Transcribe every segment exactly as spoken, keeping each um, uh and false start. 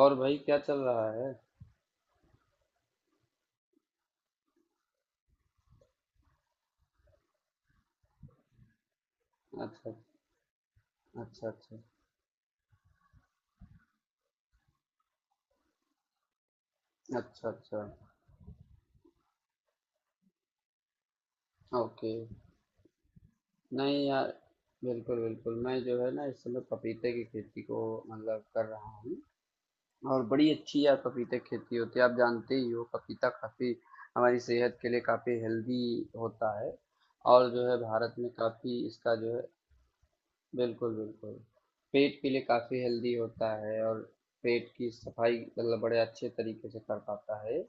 और भाई क्या चल रहा है? अच्छा। अच्छा। अच्छा। अच्छा। अच्छा। ओके। नहीं, यार। बिल्कुल, बिल्कुल। मैं, जो है ना, इस समय पपीते की खेती को मतलब कर रहा हूँ। और बड़ी अच्छी यार पपीते की खेती होती है। आप जानते ही हो, पपीता काफ़ी हमारी सेहत के लिए काफ़ी हेल्दी होता है। और जो है, भारत में काफ़ी इसका जो है। बिल्कुल, बिल्कुल। पेट के लिए काफ़ी हेल्दी होता है, और पेट की सफाई मतलब बड़े अच्छे तरीके से कर पाता है।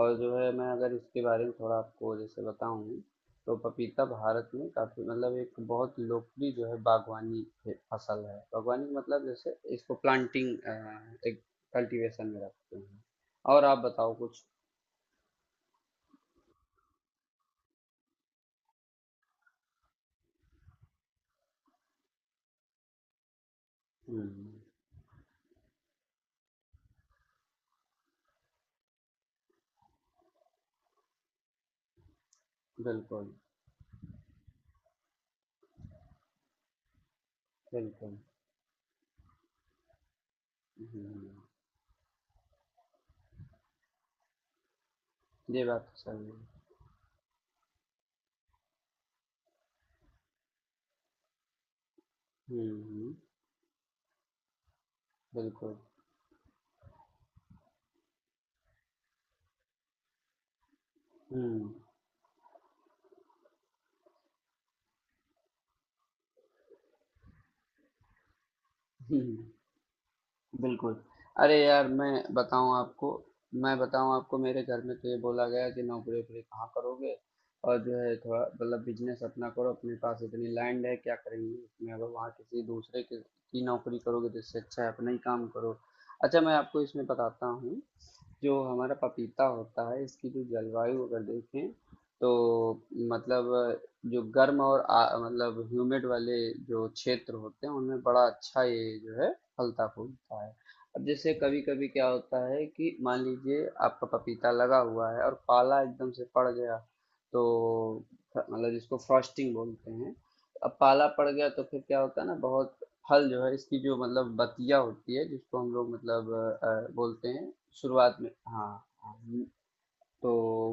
और जो है, मैं अगर इसके बारे में थोड़ा आपको जैसे बताऊँ, तो पपीता भारत में काफ़ी मतलब एक बहुत लोकप्रिय जो है बागवानी फे फसल है। बागवानी का मतलब जैसे इसको प्लांटिंग अ, एक कल्टीवेशन में रखते हैं। और आप बताओ कुछ? हुँ। बिल्कुल, बिल्कुल। हुँ। ये बात तो सही है। हुँ, हुँ। बिल्कुल। हुँ, हुँ। बिल्कुल। अरे यार, मैं बताऊँ आपको, मैं बताऊँ आपको, मेरे घर में तो ये बोला गया कि नौकरी-वोकरी कहाँ करोगे। और जो है थोड़ा मतलब बिजनेस अपना करो, अपने पास इतनी लैंड है क्या करेंगे उसमें, अगर वहाँ किसी दूसरे के की नौकरी करोगे तो इससे अच्छा है अपना ही काम करो। अच्छा, मैं आपको इसमें बताता हूँ। जो हमारा पपीता होता है, इसकी जो जलवायु अगर देखें, तो मतलब जो गर्म और आ, मतलब ह्यूमिड वाले जो क्षेत्र होते हैं उनमें बड़ा अच्छा ये जो है फलता फूलता है। अब जैसे कभी कभी क्या होता है कि मान लीजिए आपका पपीता लगा हुआ है और पाला एकदम से पड़ गया, तो मतलब जिसको फ्रॉस्टिंग बोलते हैं। अब पाला पड़ गया तो फिर क्या होता है ना, बहुत फल जो है, इसकी जो मतलब बतिया होती है जिसको हम लोग मतलब अ, बोलते हैं। शुरुआत में, हाँ। हाँ। तो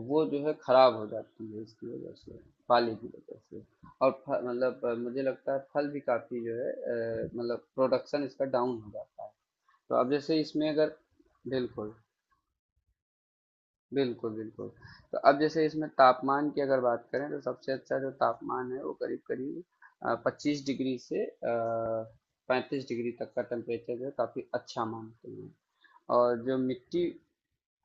वो जो है खराब हो जाती है, इसकी वजह से, पाले की वजह से। और फ- मतलब अ, मुझे लगता है फल भी काफी जो है, अ, मतलब प्रोडक्शन इसका डाउन हो जाता है। तो अब जैसे इसमें अगर, बिल्कुल, बिल्कुल, बिल्कुल। तो अब जैसे इसमें तापमान की अगर बात करें, तो सबसे अच्छा जो तापमान है वो करीब करीब पच्चीस डिग्री से पैंतीस डिग्री तक का टेम्परेचर जो है काफी अच्छा मानते हैं। और जो मिट्टी,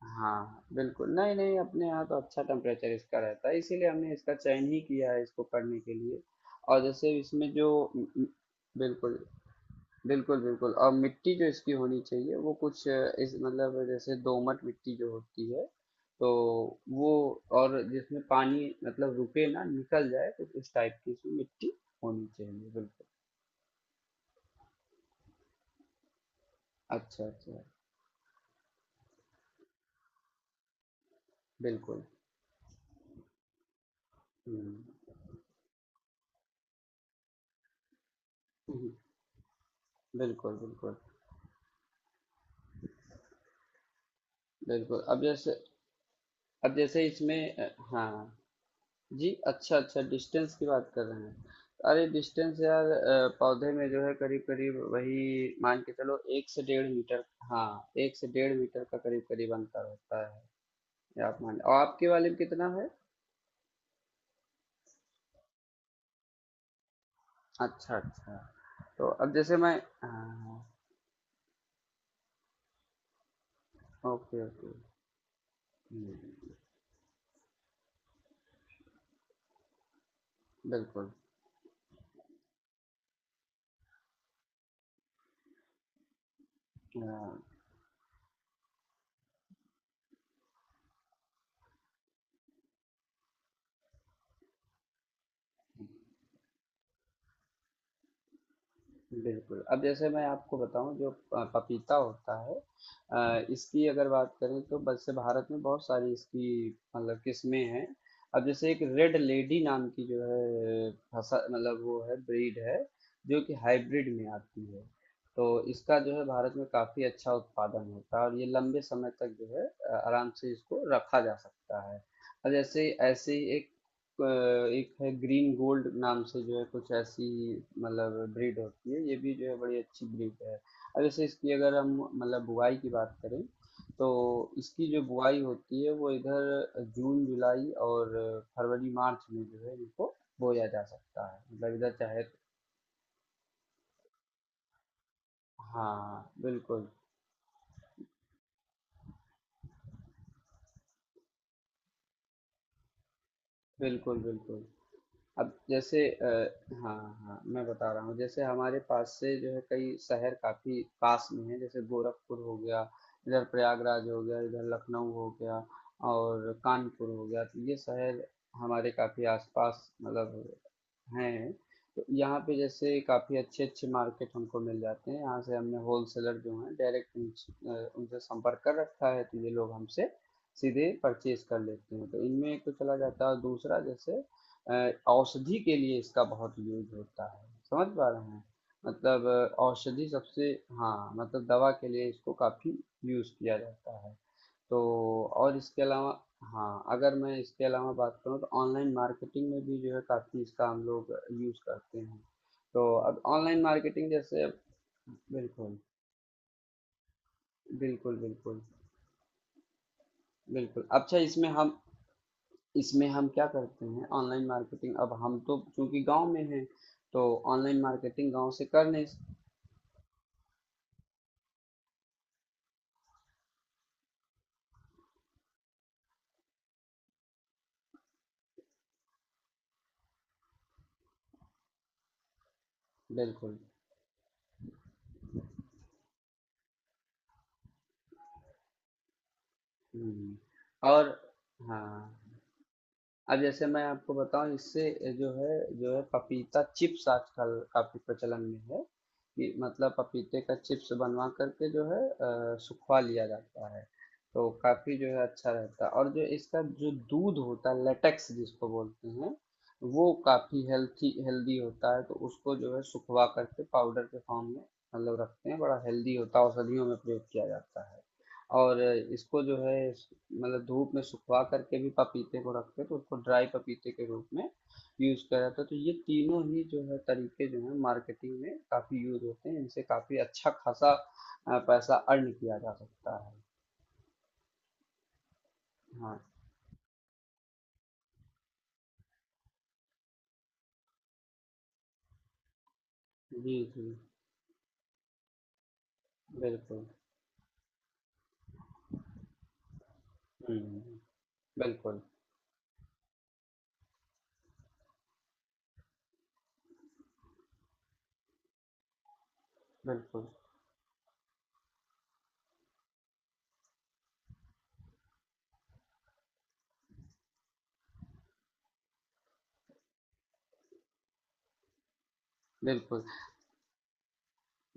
हाँ, बिल्कुल। नहीं, नहीं, अपने यहाँ तो अच्छा टेम्परेचर इसका रहता है, इसीलिए हमने इसका चयन ही किया है इसको करने के लिए। और जैसे इसमें जो उम उम, बिल्कुल, बिल्कुल, बिल्कुल। और मिट्टी जो इसकी होनी चाहिए वो कुछ इस मतलब जैसे दोमट मिट्टी जो होती है, तो वो, और जिसमें पानी मतलब रुके ना, निकल जाए, तो उस टाइप की इसमें मिट्टी होनी चाहिए, बिल्कुल। अच्छा, अच्छा, बिल्कुल। हुँ, हुँ, बिल्कुल, बिल्कुल, बिल्कुल। अब जैसे अब जैसे इसमें अ, हाँ। जी, अच्छा, अच्छा, डिस्टेंस की बात कर रहे हैं। अरे डिस्टेंस यार, अ, पौधे में जो है करीब करीब वही मान के चलो, एक से डेढ़ मीटर। हाँ, एक से डेढ़ मीटर का करीब करीब अंतर होता है। ये आप मान। और आपके वाले में कितना है? अच्छा, अच्छा। तो अब जैसे मैं, हाँ, ओके, ओके, हम्म, बिल्कुल, हाँ, बिल्कुल, अब जैसे मैं आपको बताऊँ जो अ, पपीता होता है, अ, इसकी अगर बात करें, तो वैसे भारत में बहुत सारी इसकी मतलब किस्में हैं। अब जैसे एक रेड लेडी नाम की जो है फसल, मतलब वो है, ब्रीड है, जो कि हाइब्रिड में आती है। तो इसका जो है भारत में काफ़ी अच्छा उत्पादन होता है, और ये लंबे समय तक जो है अ, आराम से इसको रखा जा सकता है। और जैसे ऐसे ही एक अ, एक है, ग्रीन गोल्ड नाम से जो है कुछ ऐसी मतलब ब्रीड होती है, ये भी जो है बड़ी अच्छी ब्रीड है। अब जैसे इसकी अगर हम मतलब बुआई की बात करें, तो इसकी जो बुआई होती है वो इधर जून जुलाई और फरवरी मार्च में जो है इनको बोया जा सकता है, मतलब इधर चाहे तो। हाँ, बिल्कुल, बिल्कुल, बिल्कुल। अब जैसे अ, हाँ, हाँ, मैं बता रहा हूँ। जैसे हमारे पास से जो है कई शहर काफी पास में है, जैसे गोरखपुर हो गया, इधर प्रयागराज हो गया, इधर लखनऊ हो गया, और कानपुर हो गया। तो ये शहर हमारे काफी आसपास मतलब हैं। तो यहाँ पे जैसे काफ़ी अच्छे-अच्छे मार्केट हमको मिल जाते हैं। यहाँ से हमने होलसेलर जो हैं डायरेक्ट उनसे अ, उनसे संपर्क कर रखा है, तो ये लोग हमसे सीधे परचेज़ कर लेते हैं। तो इनमें एक तो चला जाता है, और दूसरा जैसे अ, औषधि के लिए इसका बहुत यूज़ होता है। समझ पा रहे हैं? मतलब औषधि सबसे, हाँ, मतलब दवा के लिए इसको काफ़ी यूज़ किया जाता है। तो और इसके अलावा, हाँ, अगर मैं इसके अलावा बात करूँ, तो ऑनलाइन मार्केटिंग में भी जो है काफ़ी इसका हम लोग यूज़ करते हैं। तो अब ऑनलाइन मार्केटिंग जैसे, बिल्कुल, बिल्कुल, बिल्कुल, बिल्कुल। अच्छा, इसमें हम, इसमें हम क्या करते हैं ऑनलाइन मार्केटिंग, अब हम तो चूंकि गांव में हैं, तो ऑनलाइन मार्केटिंग गांव से कर नहीं, बिल्कुल, हम्म, और, हाँ। अब जैसे मैं आपको बताऊं इससे जो है, जो है पपीता चिप्स आजकल काफी प्रचलन में है। कि मतलब पपीते का चिप्स बनवा करके जो है अ, सुखवा लिया जाता है, तो काफी जो है अच्छा रहता है। और जो इसका जो दूध होता है, लेटेक्स जिसको बोलते हैं, वो काफी हेल्थी हेल्दी होता है, तो उसको जो है सुखवा करके पाउडर के फॉर्म में मतलब रखते हैं, बड़ा हेल्दी होता है, औषधियों में प्रयोग किया जाता है। और इसको जो है मतलब धूप में सुखवा करके भी पपीते को रखते हैं, तो उसको ड्राई पपीते के रूप में यूज़ किया जाता है। तो ये तीनों ही जो है तरीके जो है मार्केटिंग में काफ़ी यूज़ होते हैं, इनसे काफ़ी अच्छा खासा अ, पैसा अर्न किया जा सकता है। हाँ, जी, जी, बिल्कुल, हम्म, बिल्कुल, बिल्कुल, बिल्कुल,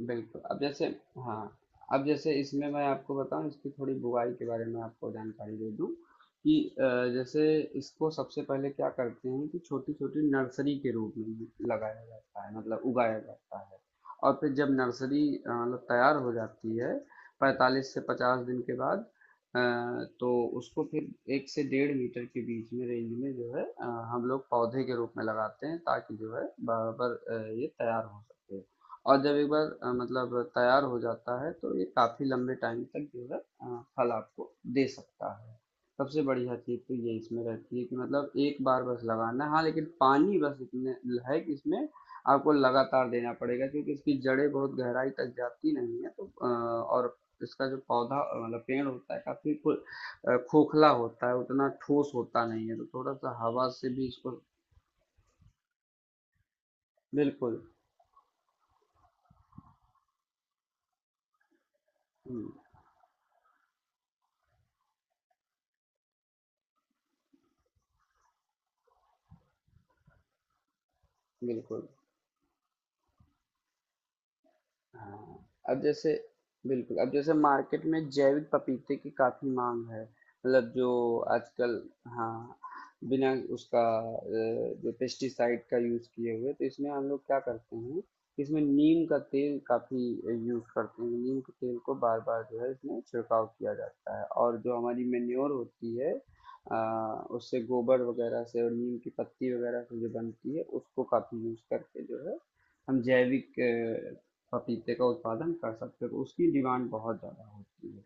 बिल्कुल, अब जैसे, हाँ, अब जैसे इसमें मैं आपको बताऊँ इसकी थोड़ी बुवाई के बारे में आपको जानकारी दे दूँ, कि अ, जैसे इसको सबसे पहले क्या करते हैं, कि छोटी-छोटी नर्सरी के रूप में लगाया जाता है, मतलब उगाया जाता है। और फिर जब नर्सरी अ, मतलब तैयार हो जाती है, पैंतालीस से पचास दिन के बाद, अ, तो उसको फिर एक से डेढ़ मीटर के बीच में रेंज में जो है, अ, हम लोग पौधे के रूप में लगाते हैं, ताकि जो है बराबर अ, ये तैयार हो सके। और जब एक बार अ, मतलब तैयार हो जाता है, तो ये काफी लंबे टाइम तक जो है अ, फल आपको दे सकता है। सबसे बढ़िया चीज तो ये इसमें रहती है कि मतलब एक बार बस लगाना है, हाँ, लेकिन पानी बस इतने है कि इसमें आपको लगातार देना पड़ेगा, क्योंकि इसकी जड़ें बहुत गहराई तक जाती नहीं है, तो अ, और इसका जो पौधा अ, मतलब पेड़ होता है काफी खो- अ, खोखला होता है, उतना ठोस होता नहीं है, तो थोड़ा सा हवा से भी इसको, बिल्कुल, हम्म, बिल्कुल, हाँ, अब जैसे, बिल्कुल। अब जैसे मार्केट में जैविक पपीते की काफी मांग है, मतलब जो आजकल, हाँ, बिना उसका अ, जो पेस्टिसाइड का यूज किए हुए। तो इसमें हम लोग क्या करते हैं, इसमें नीम का तेल काफी यूज करते हैं, नीम के तेल को बार बार जो है इसमें छिड़काव किया जाता है। और जो हमारी मेन्योर होती है अ, उससे, गोबर वगैरह से और नीम की पत्ती वगैरह से जो बनती है, उसको काफी यूज करके जो है हम जैविक पपीते का उत्पादन कर सकते हो, तो उसकी डिमांड बहुत ज़्यादा होती है।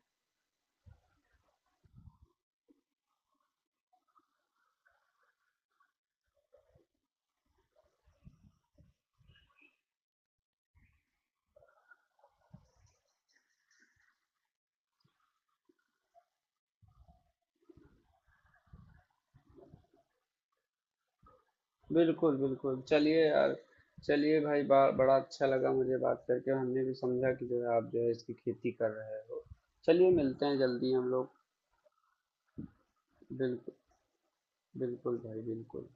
बिल्कुल, बिल्कुल, चलिए यार, चलिए भाई, बा, बड़ा अच्छा लगा मुझे बात करके, हमने भी समझा कि जो है आप जो है इसकी खेती कर रहे हो। चलिए मिलते हैं जल्दी हम लोग। बिल्कुल, बिल्कुल भाई, बिल्कुल।